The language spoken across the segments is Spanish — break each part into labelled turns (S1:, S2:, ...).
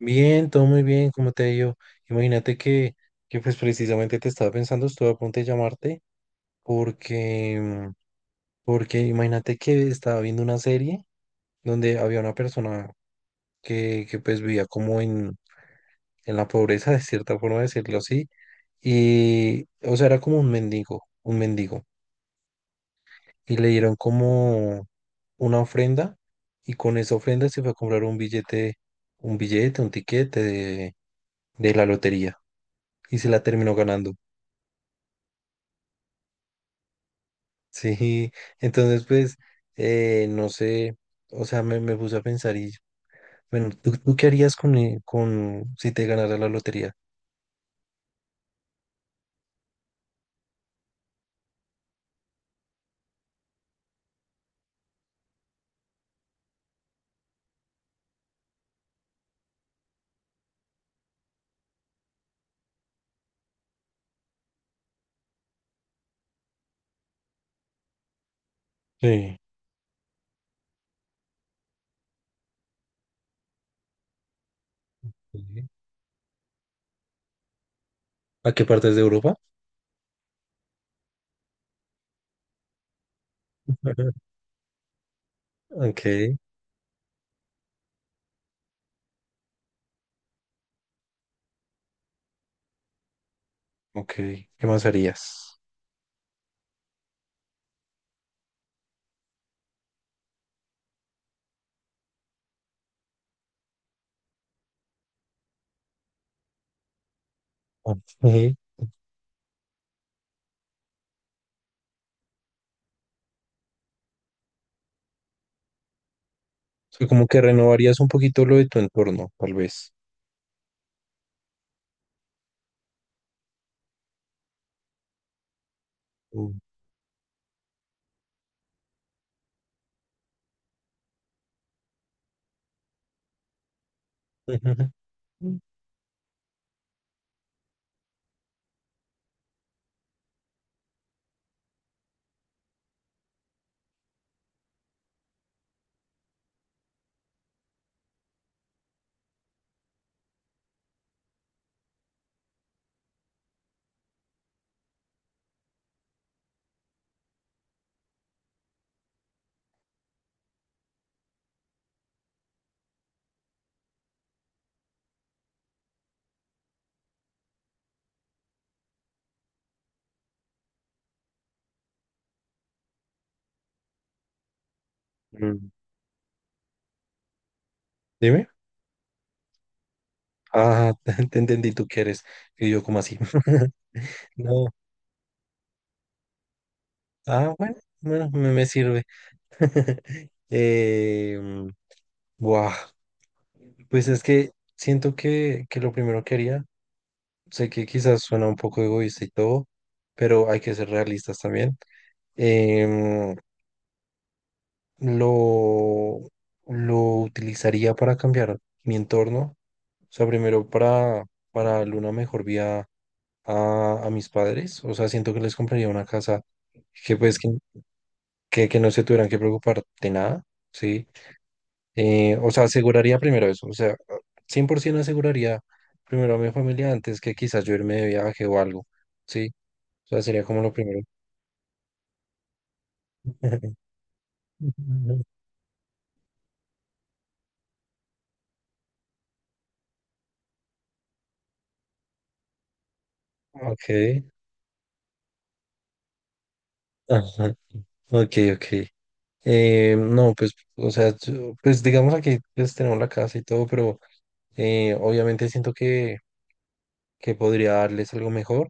S1: Bien, todo muy bien, como te digo. Imagínate que precisamente te estaba pensando, estuve a punto de llamarte porque, porque imagínate que estaba viendo una serie donde había una persona que pues vivía como en la pobreza, de cierta forma decirlo así, y o sea, era como un mendigo, y le dieron como una ofrenda y con esa ofrenda se fue a comprar un billete, un billete, un tiquete de la lotería y se la terminó ganando. Sí, entonces pues, no sé, o sea, me puse a pensar y, bueno, ¿tú qué harías con si te ganara la lotería? Sí. Sí. ¿A qué partes de Europa? Ok, ok, ¿qué más harías? Ok. O sea, como que renovarías un poquito lo de tu entorno, tal vez. Mm. Mm. Mm. Dime. Ah, te, entendí, tú quieres. Y yo, ¿como así? No. Ah, bueno, bueno, me sirve. Eh, buah, pues es que siento que lo primero que haría, sé que quizás suena un poco egoísta y todo, pero hay que ser realistas también. em, lo, lo utilizaría para cambiar mi entorno, o sea, primero para darle una mejor vía a mis padres, o sea, siento que les compraría una casa que pues que no se tuvieran que preocupar de nada, ¿sí? O sea, aseguraría primero eso. O sea, 100% aseguraría primero a mi familia antes que quizás yo irme de viaje o algo. Sí, o sea, sería como lo primero. Ok, ajá, ok, ok. No, pues, o sea, yo- pues digamos aquí pues, tenemos la casa y todo, pero obviamente siento que podría darles algo mejor.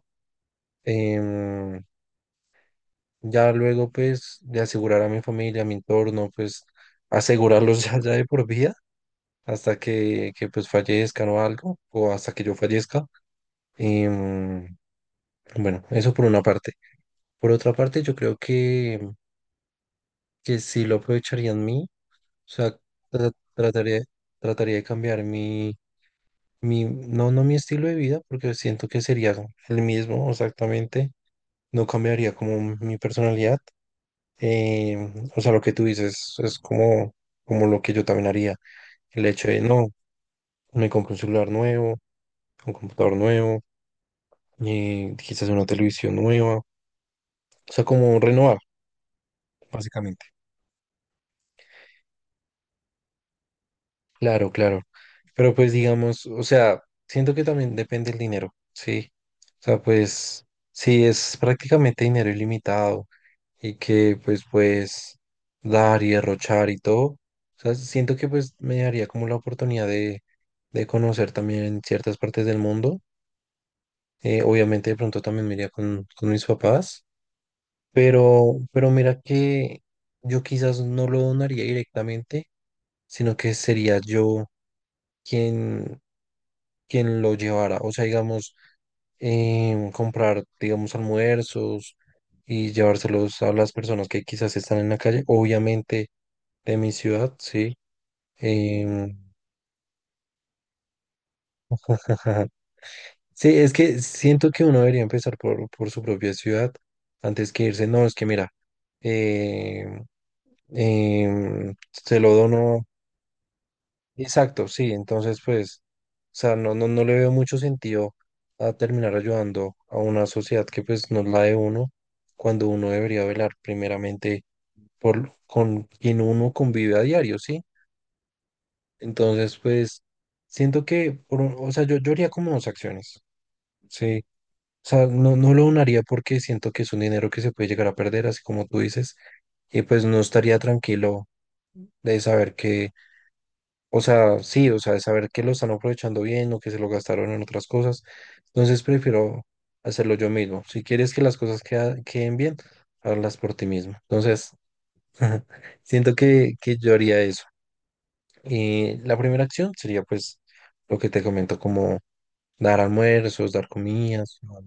S1: Em, ya luego, pues, de asegurar a mi familia, a mi entorno, pues, asegurarlos ya, ya de por vida, hasta que pues fallezcan o algo, o hasta que yo fallezca. Em, bueno, eso por una parte. Por otra parte, yo creo que sí lo aprovecharía en mí, o sea, trataría, trataría de cambiar mi, no mi estilo de vida, porque siento que sería el mismo exactamente, no cambiaría como mi personalidad. Em, o sea, lo que tú dices es como, como lo que yo también haría, el hecho de, no, me compro un celular nuevo, un computador nuevo, quizás una televisión nueva, o sea, como renovar, básicamente. Claro, claro. Pero pues digamos, o sea, siento que también depende el dinero, ¿sí? O sea, pues si es prácticamente dinero ilimitado y que pues puedes dar y derrochar y todo, o sea, siento que pues me daría como la oportunidad de conocer también ciertas partes del mundo. Obviamente de pronto también me iría con mis papás. Pero mira que yo quizás no lo donaría directamente, sino que sería yo quien, quien lo llevara. O sea, digamos, comprar, digamos, almuerzos y llevárselos a las personas que quizás están en la calle, obviamente de mi ciudad, sí. Em, sí, es que siento que uno debería empezar por su propia ciudad antes que irse. No, es que mira, em, se lo dono. Exacto, sí, entonces pues, o sea, no le veo mucho sentido a terminar ayudando a una sociedad que pues no es la de uno, cuando uno debería velar primeramente por con quien uno convive a diario, ¿sí? Entonces pues, siento que, o sea, yo haría como dos acciones, ¿sí? O sea, no lo donaría porque siento que es un dinero que se puede llegar a perder, así como tú dices, y pues no estaría tranquilo de saber que. O sea, sí, o sea, de saber que lo están aprovechando bien o que se lo gastaron en otras cosas. Entonces prefiero hacerlo yo mismo. Si quieres que las cosas queden bien, hazlas por ti mismo. Entonces, siento que yo haría eso. Y la primera acción sería pues lo que te comento, como dar almuerzos, dar comidas, ¿no?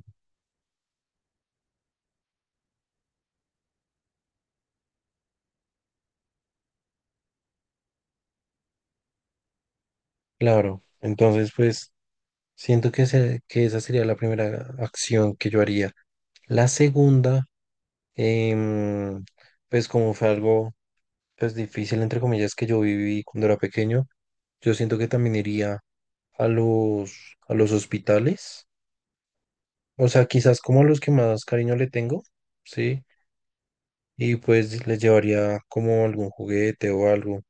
S1: Claro, entonces pues siento que, que esa sería la primera acción que yo haría. La segunda, em, pues como fue algo pues difícil, entre comillas, que yo viví cuando era pequeño, yo siento que también iría a a los hospitales, o sea, quizás como a los que más cariño le tengo, ¿sí? Y pues les llevaría como algún juguete o algo.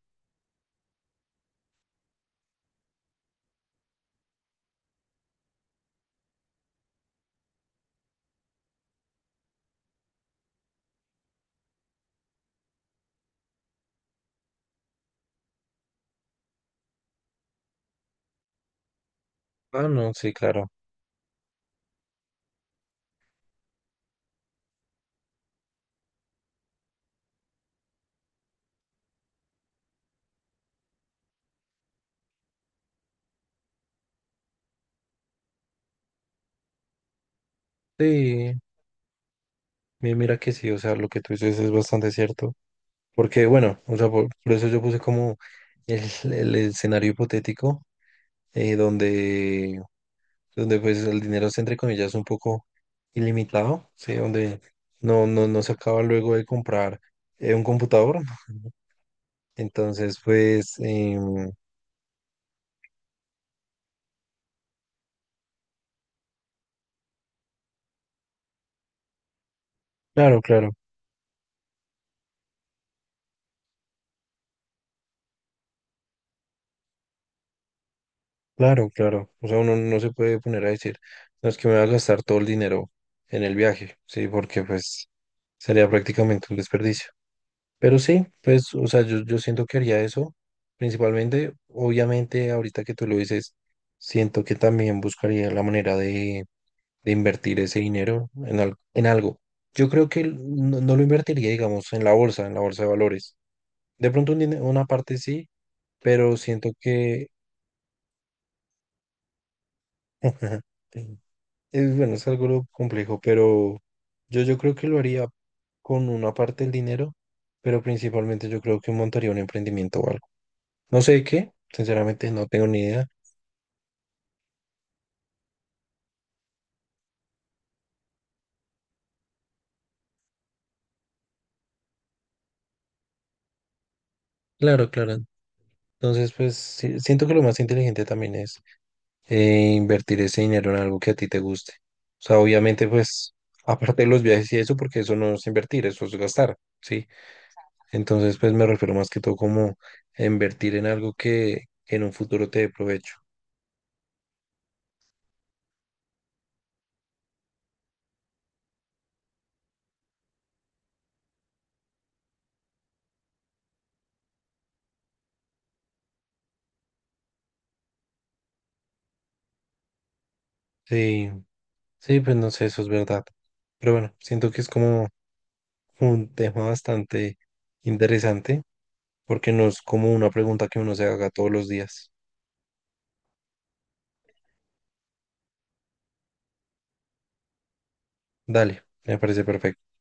S1: Ah, no, sí, claro. Sí, mira que sí, o sea, lo que tú dices es bastante cierto, porque bueno, o sea, por eso yo puse como el, el escenario hipotético, donde pues el dinero es entre comillas un poco ilimitado, ¿sí? Donde no se acaba luego de comprar un computador. Entonces, pues, claro, claro, claro, claro. O sea, uno no se puede poner a decir, no es que me va a gastar todo el dinero en el viaje, ¿sí? Porque pues sería prácticamente un desperdicio. Pero sí, pues, o sea, yo siento que haría eso, principalmente, obviamente, ahorita que tú lo dices, siento que también buscaría la manera de invertir ese dinero en, en algo. Yo creo que no, no lo invertiría, digamos, en la bolsa de valores. De pronto una parte sí, pero siento que es bueno, es algo complejo, pero yo creo que lo haría con una parte del dinero, pero principalmente yo creo que montaría un emprendimiento o algo. No sé de qué, sinceramente no tengo ni idea. Claro, claro. Entonces, pues sí, siento que lo más inteligente también es e invertir ese dinero en algo que a ti te guste. O sea, obviamente, pues, aparte de los viajes y eso, porque eso no es invertir, eso es gastar, ¿sí? Entonces, pues me refiero más que todo como a invertir en algo que en un futuro te dé provecho. Sí, sí, pues no sé, eso es verdad. Pero bueno, siento que es como un tema bastante interesante, porque no es como una pregunta que uno se haga todos los días. Dale, me parece perfecto.